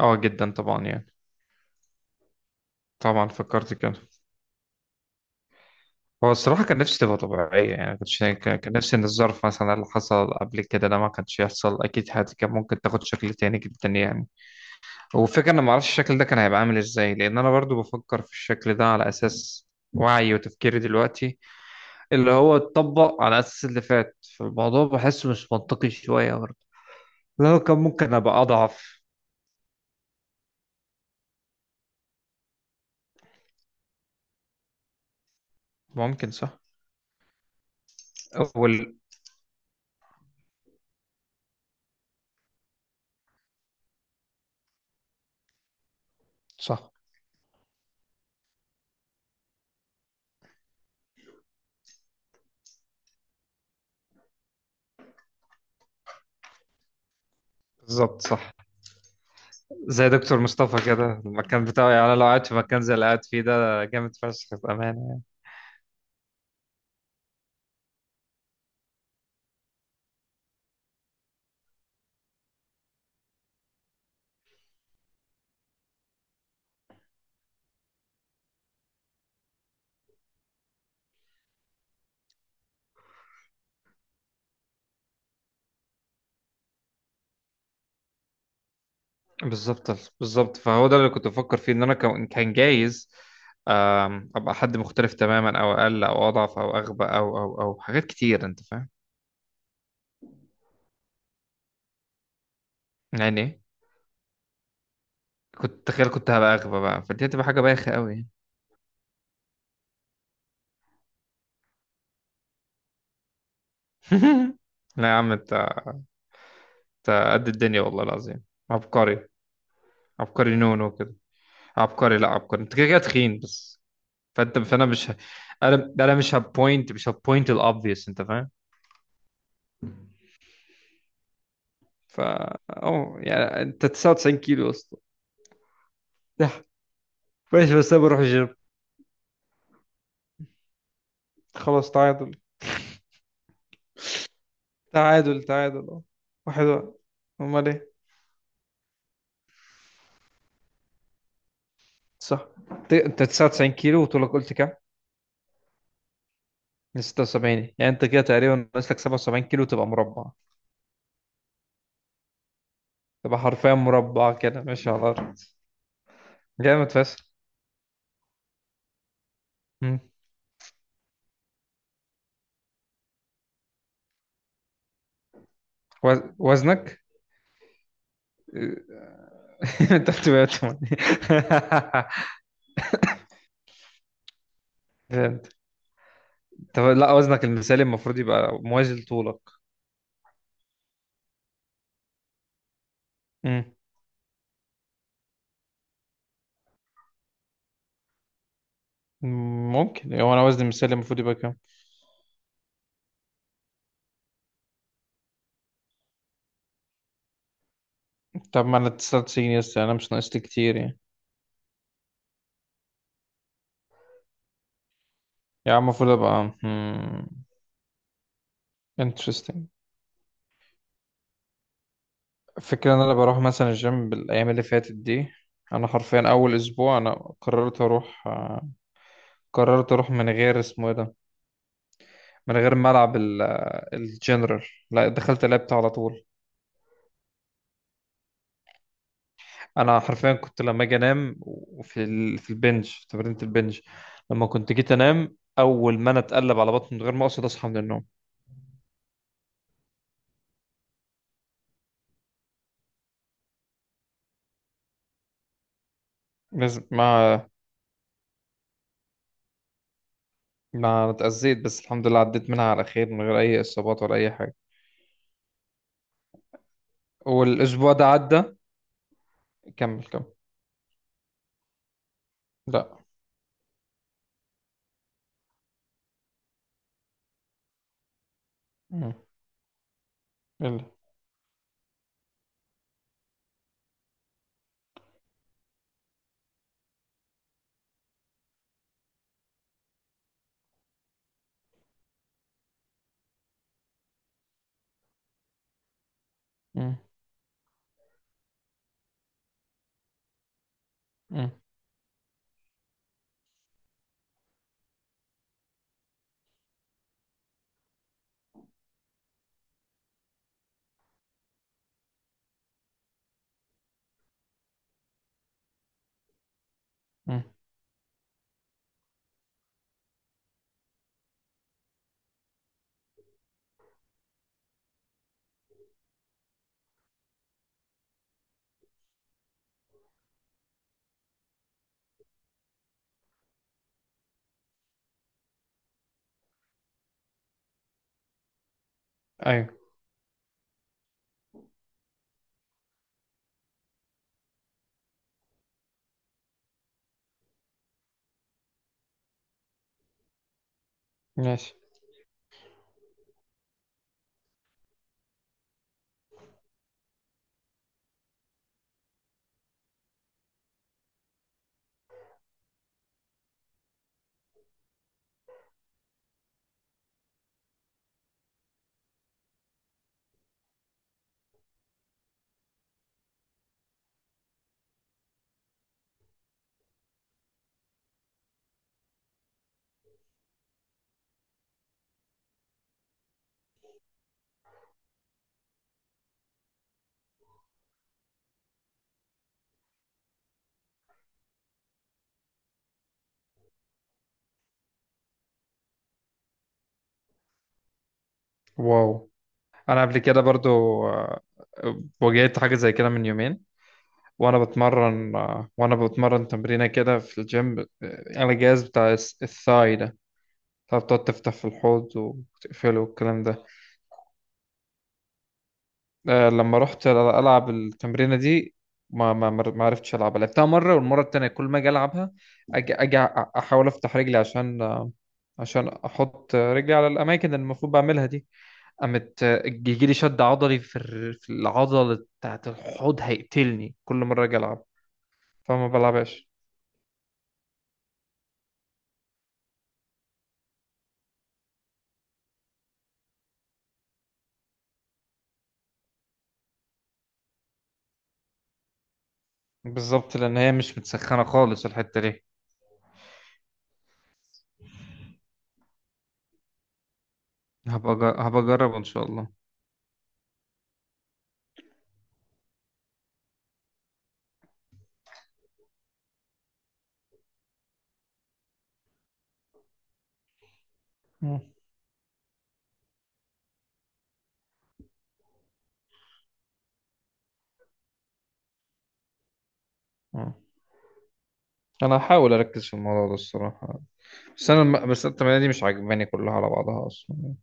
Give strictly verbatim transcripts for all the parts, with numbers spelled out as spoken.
اه جدا طبعا يعني. طبعا فكرت كده. هو الصراحة كان نفسي تبقى طبيعية، يعني ما كنتش كان كان نفسي ان الظرف مثلا اللي حصل قبل كده ده ما كانش يحصل، اكيد حياتي كان ممكن تاخد شكل تاني جدا يعني. والفكرة انا ما اعرفش الشكل ده كان هيبقى عامل ازاي، لان انا برضو بفكر في الشكل ده على اساس وعي وتفكيري دلوقتي، اللي هو اتطبق على اساس اللي فات، فالموضوع بحسه مش منطقي شوية برضو، لو كان ممكن ابقى اضعف. ممكن، صح. اول. صح. بالظبط، صح. زي دكتور مصطفى كده المكان بتاعه، يعني أنا لو قاعد في مكان زي اللي قاعد فيه ده جامد فشخ بأمانة يعني. بالظبط. بالظبط، فهو ده اللي كنت بفكر فيه، إن أنا كان كان جايز، آم، أبقى حد مختلف تماما أو أقل أو أضعف أو أغبى أو أو أو حاجات كتير، أنت فاهم يعني. كنت تخيل كنت هبقى أغبى بقى، فدي هتبقى حاجة بايخة أوي. لا يا عم أنت، أنت قد الدنيا والله العظيم. عبقري. عبقري نونو كده. عبقري. لا، عبقري أنت كده كده تخين بس. فانت فانا مش ه... انا ده انا مش هبوينت مش هبوينت الاوبفيوس، انت فاهم. فا اه، يعني انت تسعة وتسعين كيلو اصلا. ده ماشي، بس انا بروح الجيم. خلاص، تعادل. تعادل، تعادل، اه. واحد واحد. امال ايه. صح. ت- انت تسعة وتسعين كيلو، وطولك قلت كام؟ من ستة وسبعين. يعني انت كده تقريبا ناقص لك سبعة وسبعين كيلو تبقى مربع. تبقى حرفيا مربع كده ماشي على الارض. جامد فشخ. مم. وز- وزنك. انت تمانية. فهمت. طب لا، وزنك المثالي المفروض يبقى موازي لطولك. امم. ممكن. هو انا وزني مثالي المفروض يبقى كام؟ طب ما انا تسعة وتسعين، يس انا مش ناقص لي كتير يعني. يعني المفروض ابقى. انترستنج. الفكره ان انا بروح مثلا الجيم بالايام اللي فاتت دي. انا حرفيا اول اسبوع انا قررت اروح، آه، قررت اروح من غير اسمه ايه ده، من غير ملعب ال- آه، الجنرال. لا، دخلت لعبت على طول. انا حرفيا كنت لما اجي انام، وفي ال... في البنج، في تمرينة البنج، لما كنت جيت انام اول ما انا اتقلب على بطني من غير ما اقصد اصحى من النوم. لازم ما. ما اتأذيت بس الحمد لله، عديت منها على خير من غير اي اصابات ولا اي حاجة. والاسبوع ده عدى. كمل، كمل. لا. مم. يلا. مم. مم. مم. ايوه. ماشي. واو. انا قبل كده برضو آه، واجهت حاجة زي كده من يومين وانا بتمرن وانا بتمرن تمرينه كده في الجيم، على الجهاز بتاع الس- الثاي ده. فبتقعد تفتح في الحوض وتقفله والكلام ده. آه، لما رحت العب التمرينه دي ما ما ما ما عرفتش العبها، لعبتها مره والمره التانيه كل ما اجي العبها اجي اجي أ- احاول افتح رجلي عشان، آه، عشان احط رجلي على الاماكن اللي المفروض بعملها دي. قامت يجي لي شد عضلي في الر- في العضله بتاعت الحوض هيقتلني كل مره اجي العب، فما بلعبهاش. بالظبط، لان هي مش متسخنه خالص الحته دي. هبقى أجر- هبقى اجرب ان شاء الله. مم. مم. انا هحاول اركز في الموضوع ده الصراحه، بس انا الم- بس التمارين دي مش عاجباني كلها على بعضها اصلا.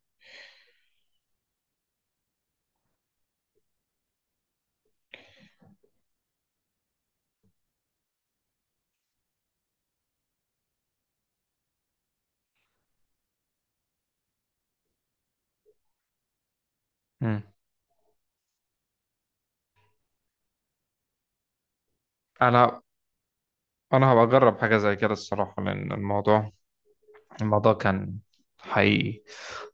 مم. انا انا هبقى اجرب حاجه زي كده الصراحه، لان الموضوع الموضوع كان حقيقي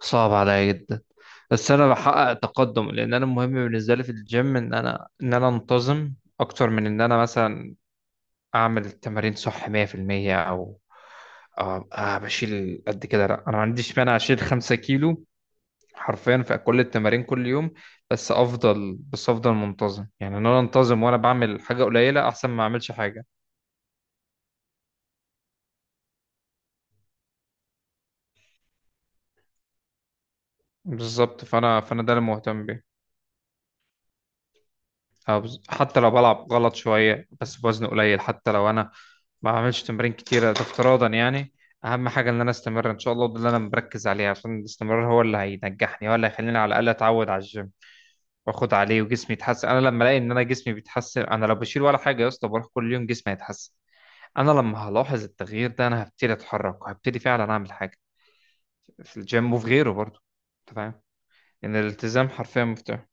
صعب عليا جدا. بس انا بحقق تقدم، لان انا المهم بالنسبه لي في الجيم ان انا ان انا انتظم اكتر من ان انا مثلا اعمل التمارين صح مية في المية. او آه آه، بشيل قد كده، لا، انا ما عنديش مانع اشيل خمسة كيلو حرفيا في كل التمارين كل يوم، بس افضل بس افضل منتظم، يعني ان انا انتظم وانا بعمل حاجه قليله احسن ما اعملش حاجه. بالظبط فانا فانا ده اللي مهتم بيه. آه، بز- حتى لو بلعب غلط شويه بس بوزن قليل، حتى لو انا ما بعملش تمارين كتيره، ده افتراضا يعني. اهم حاجه ان انا استمر ان شاء الله، ده اللي انا مركز عليه، عشان الاستمرار هو اللي هينجحني، هو اللي هيخليني على الاقل اتعود على الجيم واخد عليه، وجسمي يتحسن. انا لما الاقي ان انا جسمي بيتحسن، انا لو بشيل ولا حاجه يا اسطى بروح كل يوم جسمي هيتحسن. انا لما هلاحظ التغيير ده انا هبتدي اتحرك، وهبتدي فعلا اعمل حاجه في الجيم وفي غيره برضه. انت فاهم، ان الالتزام حرفيا مفتاح.